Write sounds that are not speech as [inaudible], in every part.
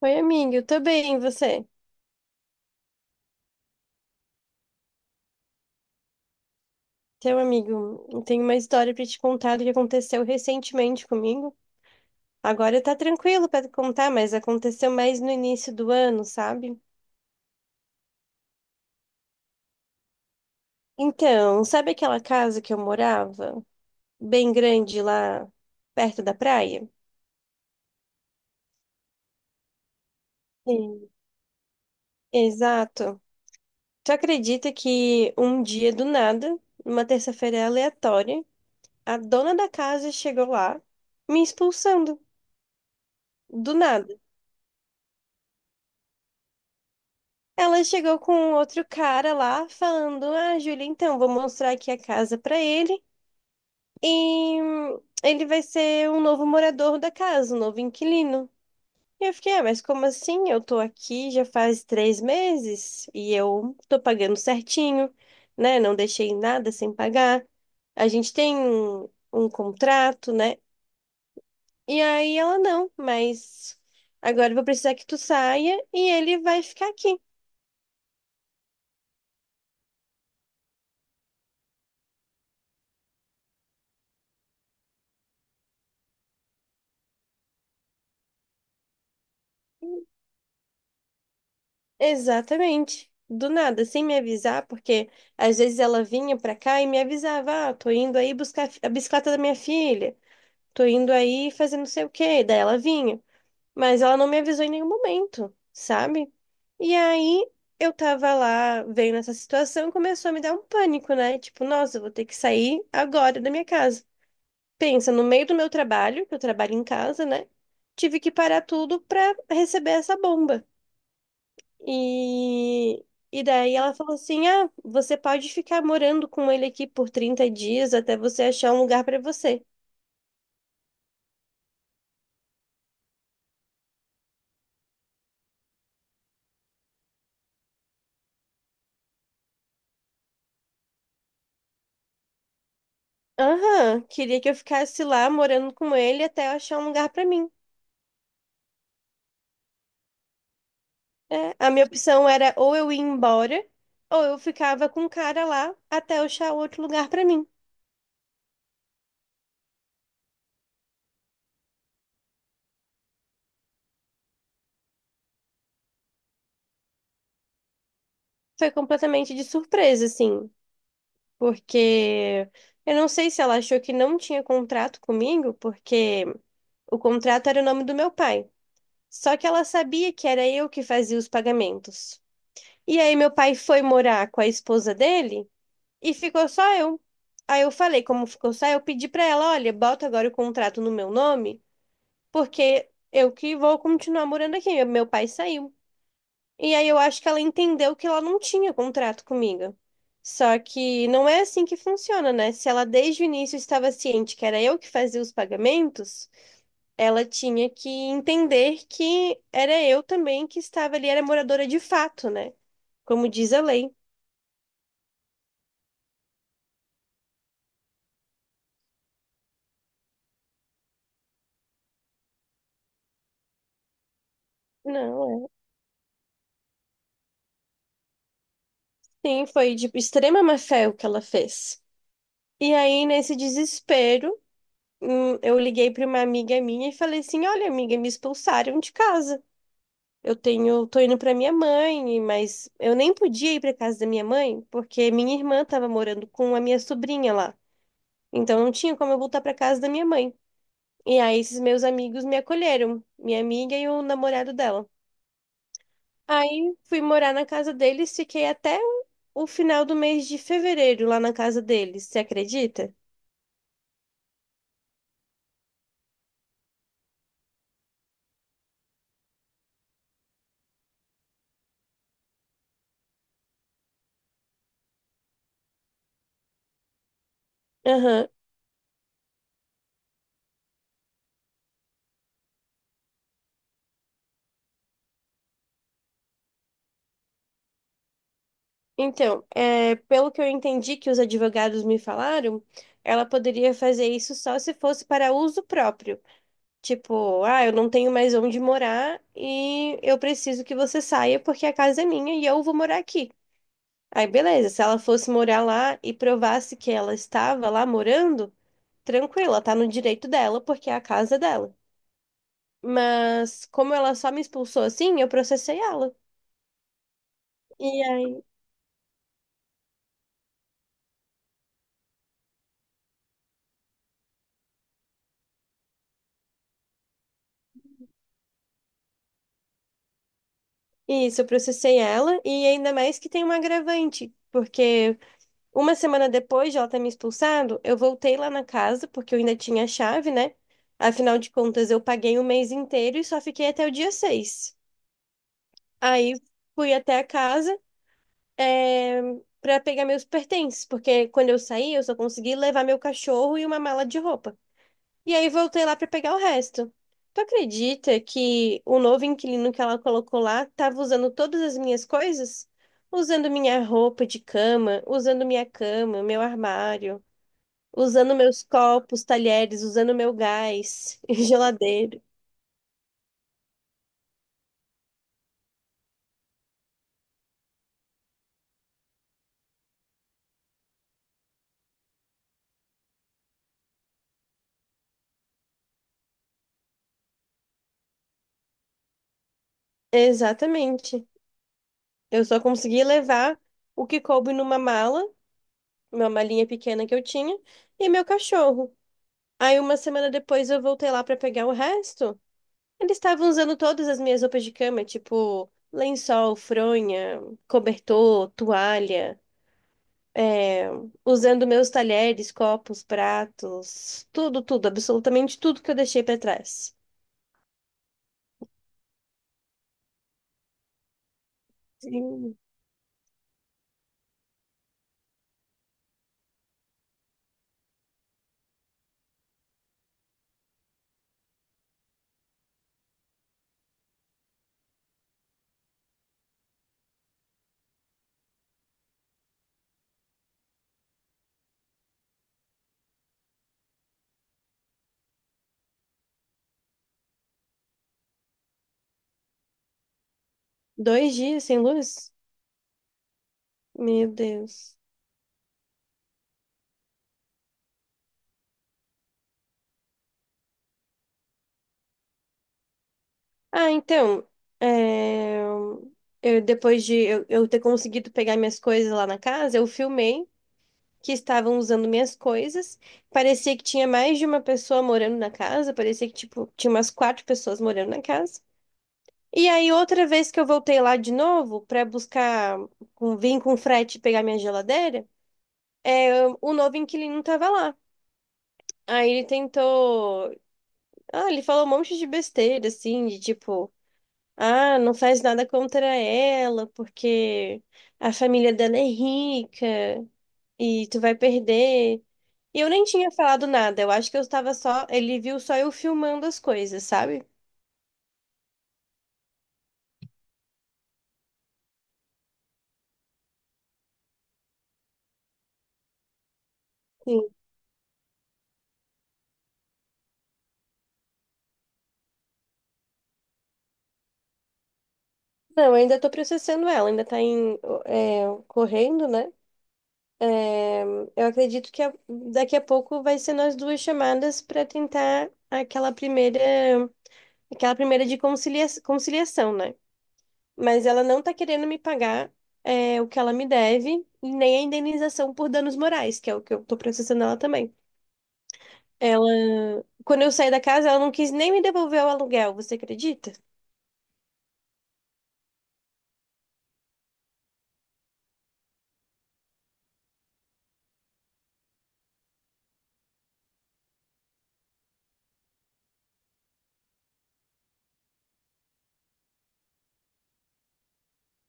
Oi, amigo, eu tô bem, e você? Seu amigo, eu tenho uma história pra te contar do que aconteceu recentemente comigo. Agora tá tranquilo pra contar, mas aconteceu mais no início do ano, sabe? Então, sabe aquela casa que eu morava? Bem grande lá perto da praia? Sim. Exato. Tu acredita que um dia do nada, numa terça-feira aleatória, a dona da casa chegou lá me expulsando do nada? Ela chegou com outro cara lá, falando: Ah, Júlia, então, vou mostrar aqui a casa pra ele. E ele vai ser o novo morador da casa, o novo inquilino. E eu fiquei: Ah, mas como assim? Eu tô aqui já faz 3 meses e eu tô pagando certinho, né? Não deixei nada sem pagar. A gente tem um contrato, né? E aí ela: Não, mas agora eu vou precisar que tu saia e ele vai ficar aqui. Exatamente. Do nada, sem me avisar, porque às vezes ela vinha pra cá e me avisava: ah, tô indo aí buscar a bicicleta da minha filha, tô indo aí fazer não sei o quê. Daí ela vinha, mas ela não me avisou em nenhum momento, sabe? E aí eu tava lá, veio nessa situação, começou a me dar um pânico, né? Tipo, nossa, eu vou ter que sair agora da minha casa. Pensa, no meio do meu trabalho, que eu trabalho em casa, né? Tive que parar tudo pra receber essa bomba. E, e daí ela falou assim: Ah, você pode ficar morando com ele aqui por 30 dias até você achar um lugar pra você. Aham, queria que eu ficasse lá morando com ele até eu achar um lugar pra mim. É, a minha opção era ou eu ir embora, ou eu ficava com o cara lá até eu achar outro lugar pra mim. Foi completamente de surpresa, assim, porque eu não sei se ela achou que não tinha contrato comigo, porque o contrato era o nome do meu pai. Só que ela sabia que era eu que fazia os pagamentos. E aí meu pai foi morar com a esposa dele e ficou só eu. Aí eu falei, como ficou só eu, pedi pra ela, olha, bota agora o contrato no meu nome, porque eu que vou continuar morando aqui. Meu pai saiu. E aí eu acho que ela entendeu que ela não tinha contrato comigo. Só que não é assim que funciona, né? Se ela desde o início estava ciente que era eu que fazia os pagamentos, ela tinha que entender que era eu também que estava ali, era moradora de fato, né? Como diz a lei. Não, é. Sim, foi de extrema má-fé o que ela fez. E aí, nesse desespero, eu liguei para uma amiga minha e falei assim: Olha, amiga, me expulsaram de casa. Eu tenho, tô indo pra minha mãe, mas eu nem podia ir pra casa da minha mãe, porque minha irmã tava morando com a minha sobrinha lá. Então não tinha como eu voltar pra casa da minha mãe. E aí esses meus amigos me acolheram, minha amiga e o namorado dela. Aí fui morar na casa deles, fiquei até o final do mês de fevereiro lá na casa deles, você acredita? Aham. Então, é, pelo que eu entendi que os advogados me falaram, ela poderia fazer isso só se fosse para uso próprio. Tipo, ah, eu não tenho mais onde morar e eu preciso que você saia porque a casa é minha e eu vou morar aqui. Aí, beleza, se ela fosse morar lá e provasse que ela estava lá morando, tranquilo, ela tá no direito dela porque é a casa dela. Mas como ela só me expulsou assim, eu processei ela. E aí, isso, eu processei ela e ainda mais que tem um agravante, porque uma semana depois de ela ter me expulsado, eu voltei lá na casa, porque eu ainda tinha a chave, né? Afinal de contas, eu paguei o mês inteiro e só fiquei até o dia 6. Aí fui até a casa, é, para pegar meus pertences, porque quando eu saí, eu só consegui levar meu cachorro e uma mala de roupa. E aí voltei lá para pegar o resto. Tu acredita que o novo inquilino que ela colocou lá estava usando todas as minhas coisas? Usando minha roupa de cama, usando minha cama, meu armário. Usando meus copos, talheres, usando meu gás, [laughs] e geladeira. Exatamente. Eu só consegui levar o que coube numa mala, uma malinha pequena que eu tinha, e meu cachorro. Aí uma semana depois eu voltei lá para pegar o resto. Eles estavam usando todas as minhas roupas de cama, tipo lençol, fronha, cobertor, toalha, é, usando meus talheres, copos, pratos, tudo, tudo, absolutamente tudo que eu deixei para trás. Sim. 2 dias sem luz? Meu Deus. Ah, então, é, eu, depois de eu ter conseguido pegar minhas coisas lá na casa, eu filmei que estavam usando minhas coisas. Parecia que tinha mais de uma pessoa morando na casa, parecia que, tipo, tinha umas 4 pessoas morando na casa. E aí, outra vez que eu voltei lá de novo para buscar, vim com frete pegar minha geladeira, é, o novo inquilino tava lá. Aí ele tentou. Ah, ele falou um monte de besteira, assim, de tipo. Ah, não faz nada contra ela, porque a família dela é rica e tu vai perder. E eu nem tinha falado nada, eu acho que eu estava só. Ele viu só eu filmando as coisas, sabe? Sim. Não, eu ainda tô processando ela, ainda tá em, correndo, né? É, eu acredito que daqui a pouco vai ser nós duas chamadas para tentar aquela primeira de conciliação, né? Mas ela não tá querendo me pagar o que ela me deve, e nem a indenização por danos morais, que é o que eu tô processando ela também. Ela, quando eu saí da casa, ela não quis nem me devolver o aluguel, você acredita?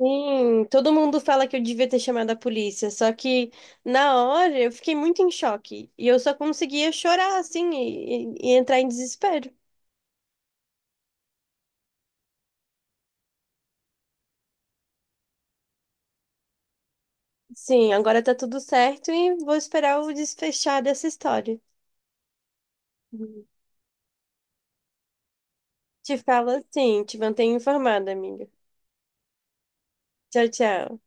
Sim, todo mundo fala que eu devia ter chamado a polícia, só que na hora eu fiquei muito em choque e eu só conseguia chorar assim e entrar em desespero. Sim, agora tá tudo certo e vou esperar o desfechar dessa história. Uhum. Te falo assim, te mantenho informada, amiga. Tchau, tchau.